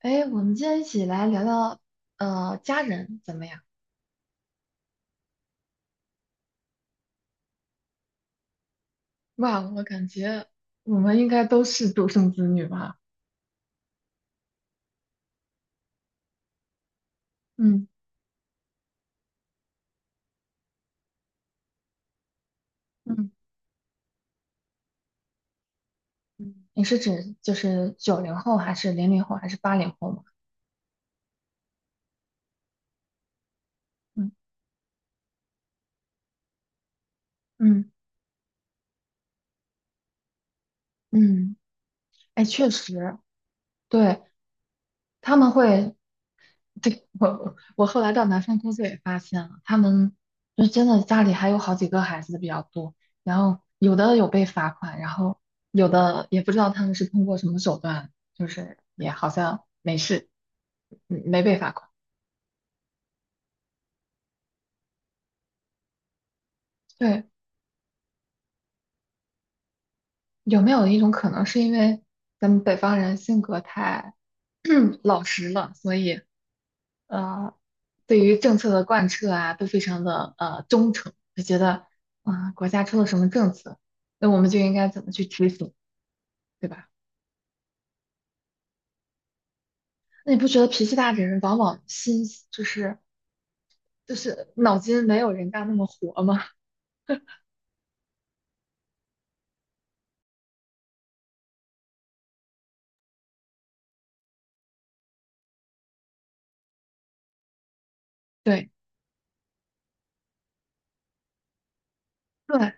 哎，我们今天一起来聊聊，家人怎么样？哇，我感觉我们应该都是独生子女吧？嗯。嗯嗯你是指就是90后，还是00后，还是80后吗？嗯嗯嗯。哎，确实，对，他们会。对，我后来到南方工作也发现了，他们就真的家里还有好几个孩子比较多，然后有的有被罚款，然后有的也不知道他们是通过什么手段，就是也好像没事，没被罚款。对，有没有一种可能是因为咱们北方人性格太 老实了，所以呃对于政策的贯彻啊，都非常的忠诚，就觉得啊、国家出了什么政策，那我们就应该怎么去执行，对吧？那你不觉得脾气大的人往往心就是脑筋没有人家那么活吗？对对，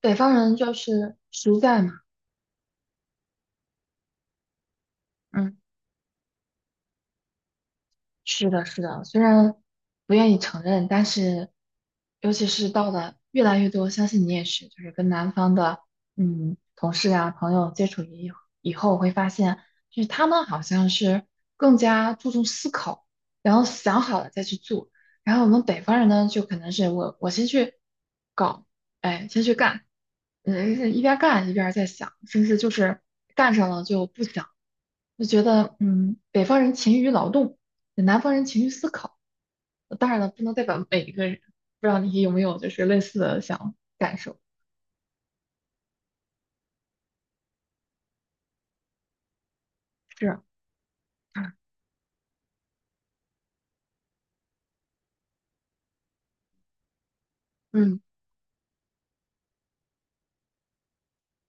北方人就是实在嘛，嗯。是的，是的，虽然不愿意承认，但是尤其是到了越来越多，相信你也是，就是跟南方的同事啊朋友接触以后，会发现就是他们好像是更加注重思考，然后想好了再去做，然后我们北方人呢，就可能是我先去搞，哎，先去干，一边干一边在想，甚至就是干上了就不想。就觉得，北方人勤于劳动，南方人勤于思考。当然了，不能代表每一个人。不知道你有没有就是类似的想感受？是啊，嗯，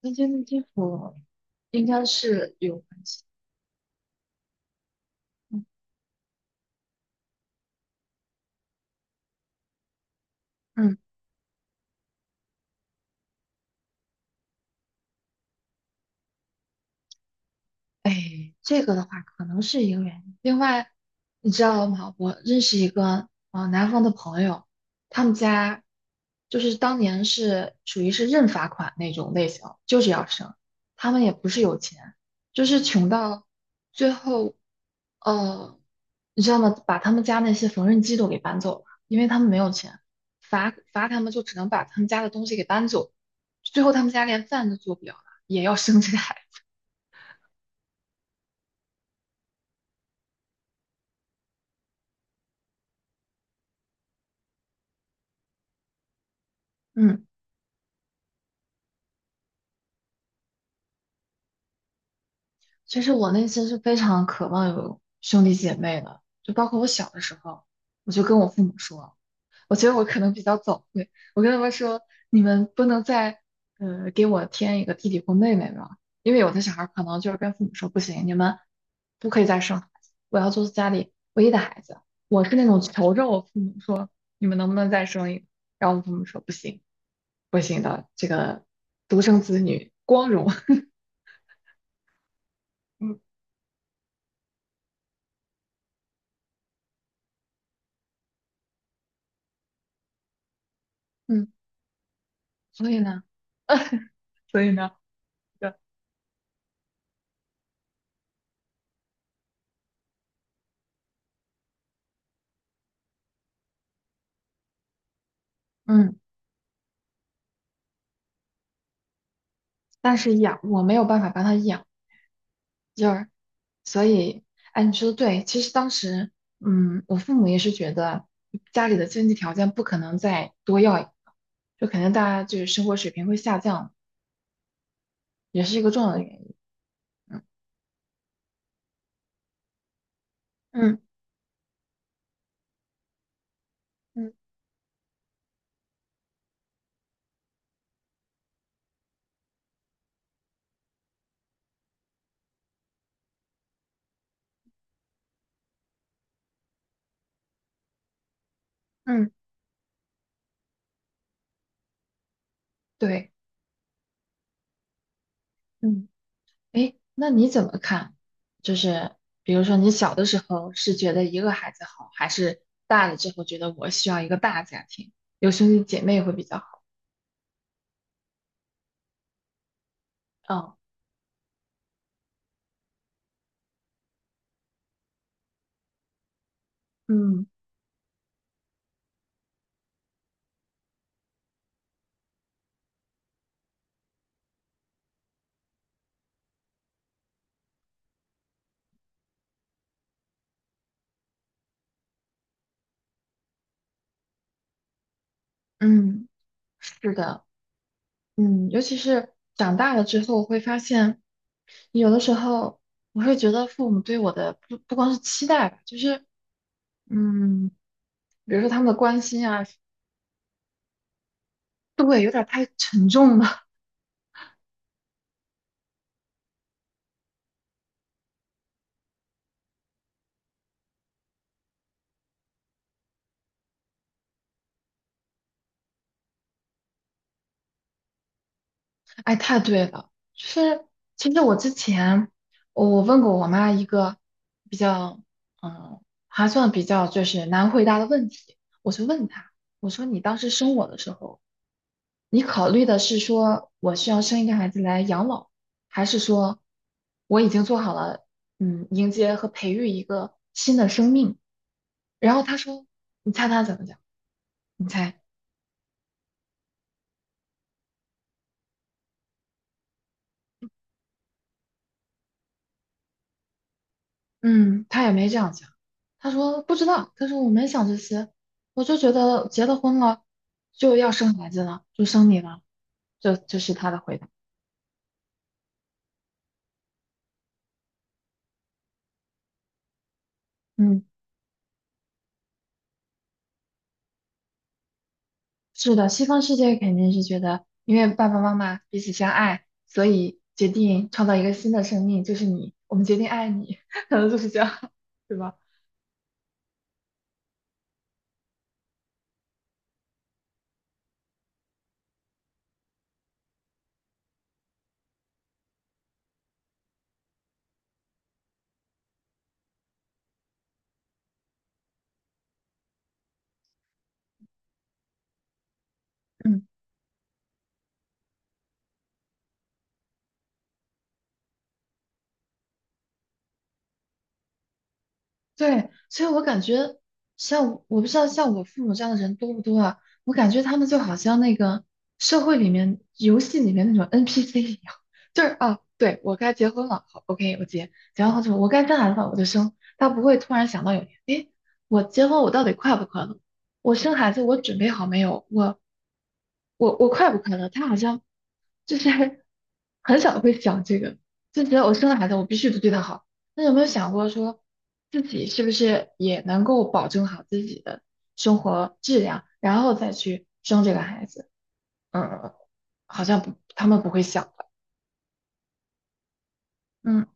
跟间的基础应该是有关系。嗯，嗯。哎，这个的话可能是一个原因。另外，你知道吗？我认识一个南方的朋友，他们家就是当年是属于是认罚款那种类型，就是要生。他们也不是有钱，就是穷到最后，呃，你知道吗？把他们家那些缝纫机都给搬走了，因为他们没有钱，罚他们就只能把他们家的东西给搬走。最后他们家连饭都做不了了，也要生这个孩子。嗯。其实我内心是非常渴望有兄弟姐妹的，就包括我小的时候，我就跟我父母说，我觉得我可能比较早慧，我跟他们说，你们不能再给我添一个弟弟或妹妹吧，因为有的小孩儿可能就是跟父母说不行，你们不可以再生孩子，我要做家里唯一的孩子，我是那种求着我父母，你们能不能再生一个？然后我父母说不行，不行的，这个独生子女光荣，嗯嗯，所以呢，所以呢。对。嗯。但是养我没有办法帮他养就是所以，哎，你说的对。其实当时，我父母也是觉得家里的经济条件不可能再多要一个，就肯定大家就是生活水平会下降，也是一个重要的原因。嗯嗯嗯嗯，对，嗯，哎，那你怎么看？就是比如说你小的时候是觉得一个孩子好，还是大了之后觉得我需要一个大家庭，有兄弟姐妹会比较好？嗯嗯嗯。是的，尤其是长大了之后，我会发现有的时候我会觉得父母对我的不光是期待吧，就是嗯，比如说他们的关心啊，对，有点儿太沉重了，哎，太对了。就是其实我之前我问过我妈一个比较嗯还算比较就是难回答的问题，我就问她，我说你当时生我的时候。你考虑的是说我需要生一个孩子来养老，还是说我已经做好了，迎接和培育一个新的生命？然后他说，你猜他怎么讲？你猜？嗯，他也没这样讲。他说不知道，他说我没想这些，我就觉得结了婚了就要生孩子了，就生你了，这是他的回答。嗯。是的，西方世界肯定是觉得，因为爸爸妈妈彼此相爱，所以决定创造一个新的生命，就是你，我们决定爱你，可能就是这样，对吧？嗯。对，所以我感觉像我不知道像我父母这样的人多不多啊？我感觉他们就好像那个社会里面、游戏里面那种 NPC 一样，就是啊，对，我该结婚了，好，OK，结完婚之后我该生孩子了，我就生。他不会突然想到有一天，诶，我结婚我到底快不快乐？我生孩子我准备好没有？我快不快乐？他好像就是很少会想这个，就觉得我生了孩子，我必须得对他好。那有没有想过说，自己是不是也能够保证好自己的生活质量，然后再去生这个孩子？嗯，嗯嗯好像不，他们不会想的。嗯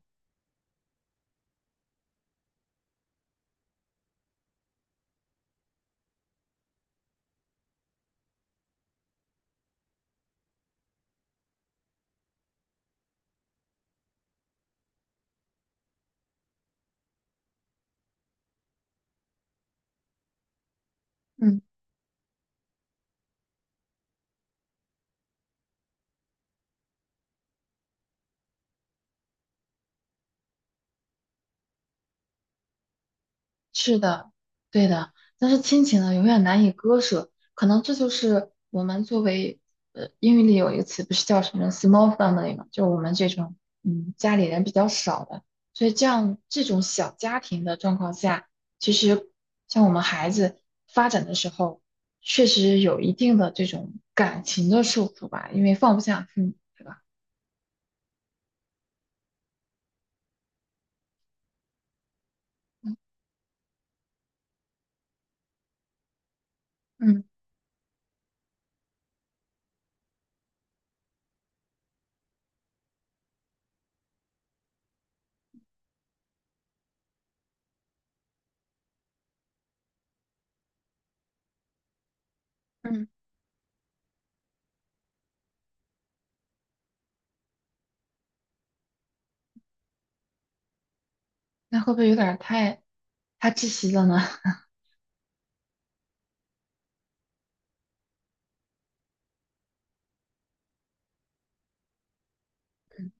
嗯。是的，对的，但是亲情呢，永远难以割舍。可能这就是我们作为英语里有一个词不是叫什么 small family 嘛，就是我们这种家里人比较少的，所以这样这种小家庭的状况下，其实像我们孩子发展的时候，确实有一定的这种感情的束缚吧，因为放不下父母，对吧？嗯，嗯嗯。那会不会有点儿太窒息了呢？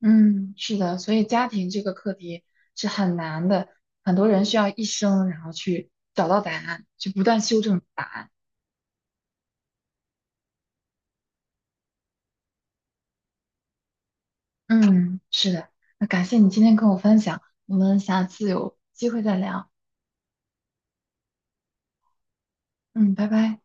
嗯，是的，所以家庭这个课题是很难的，很多人需要一生，然后去找到答案，去不断修正答案。嗯，是的，那感谢你今天跟我分享，我们下次有机会再聊。嗯，拜拜。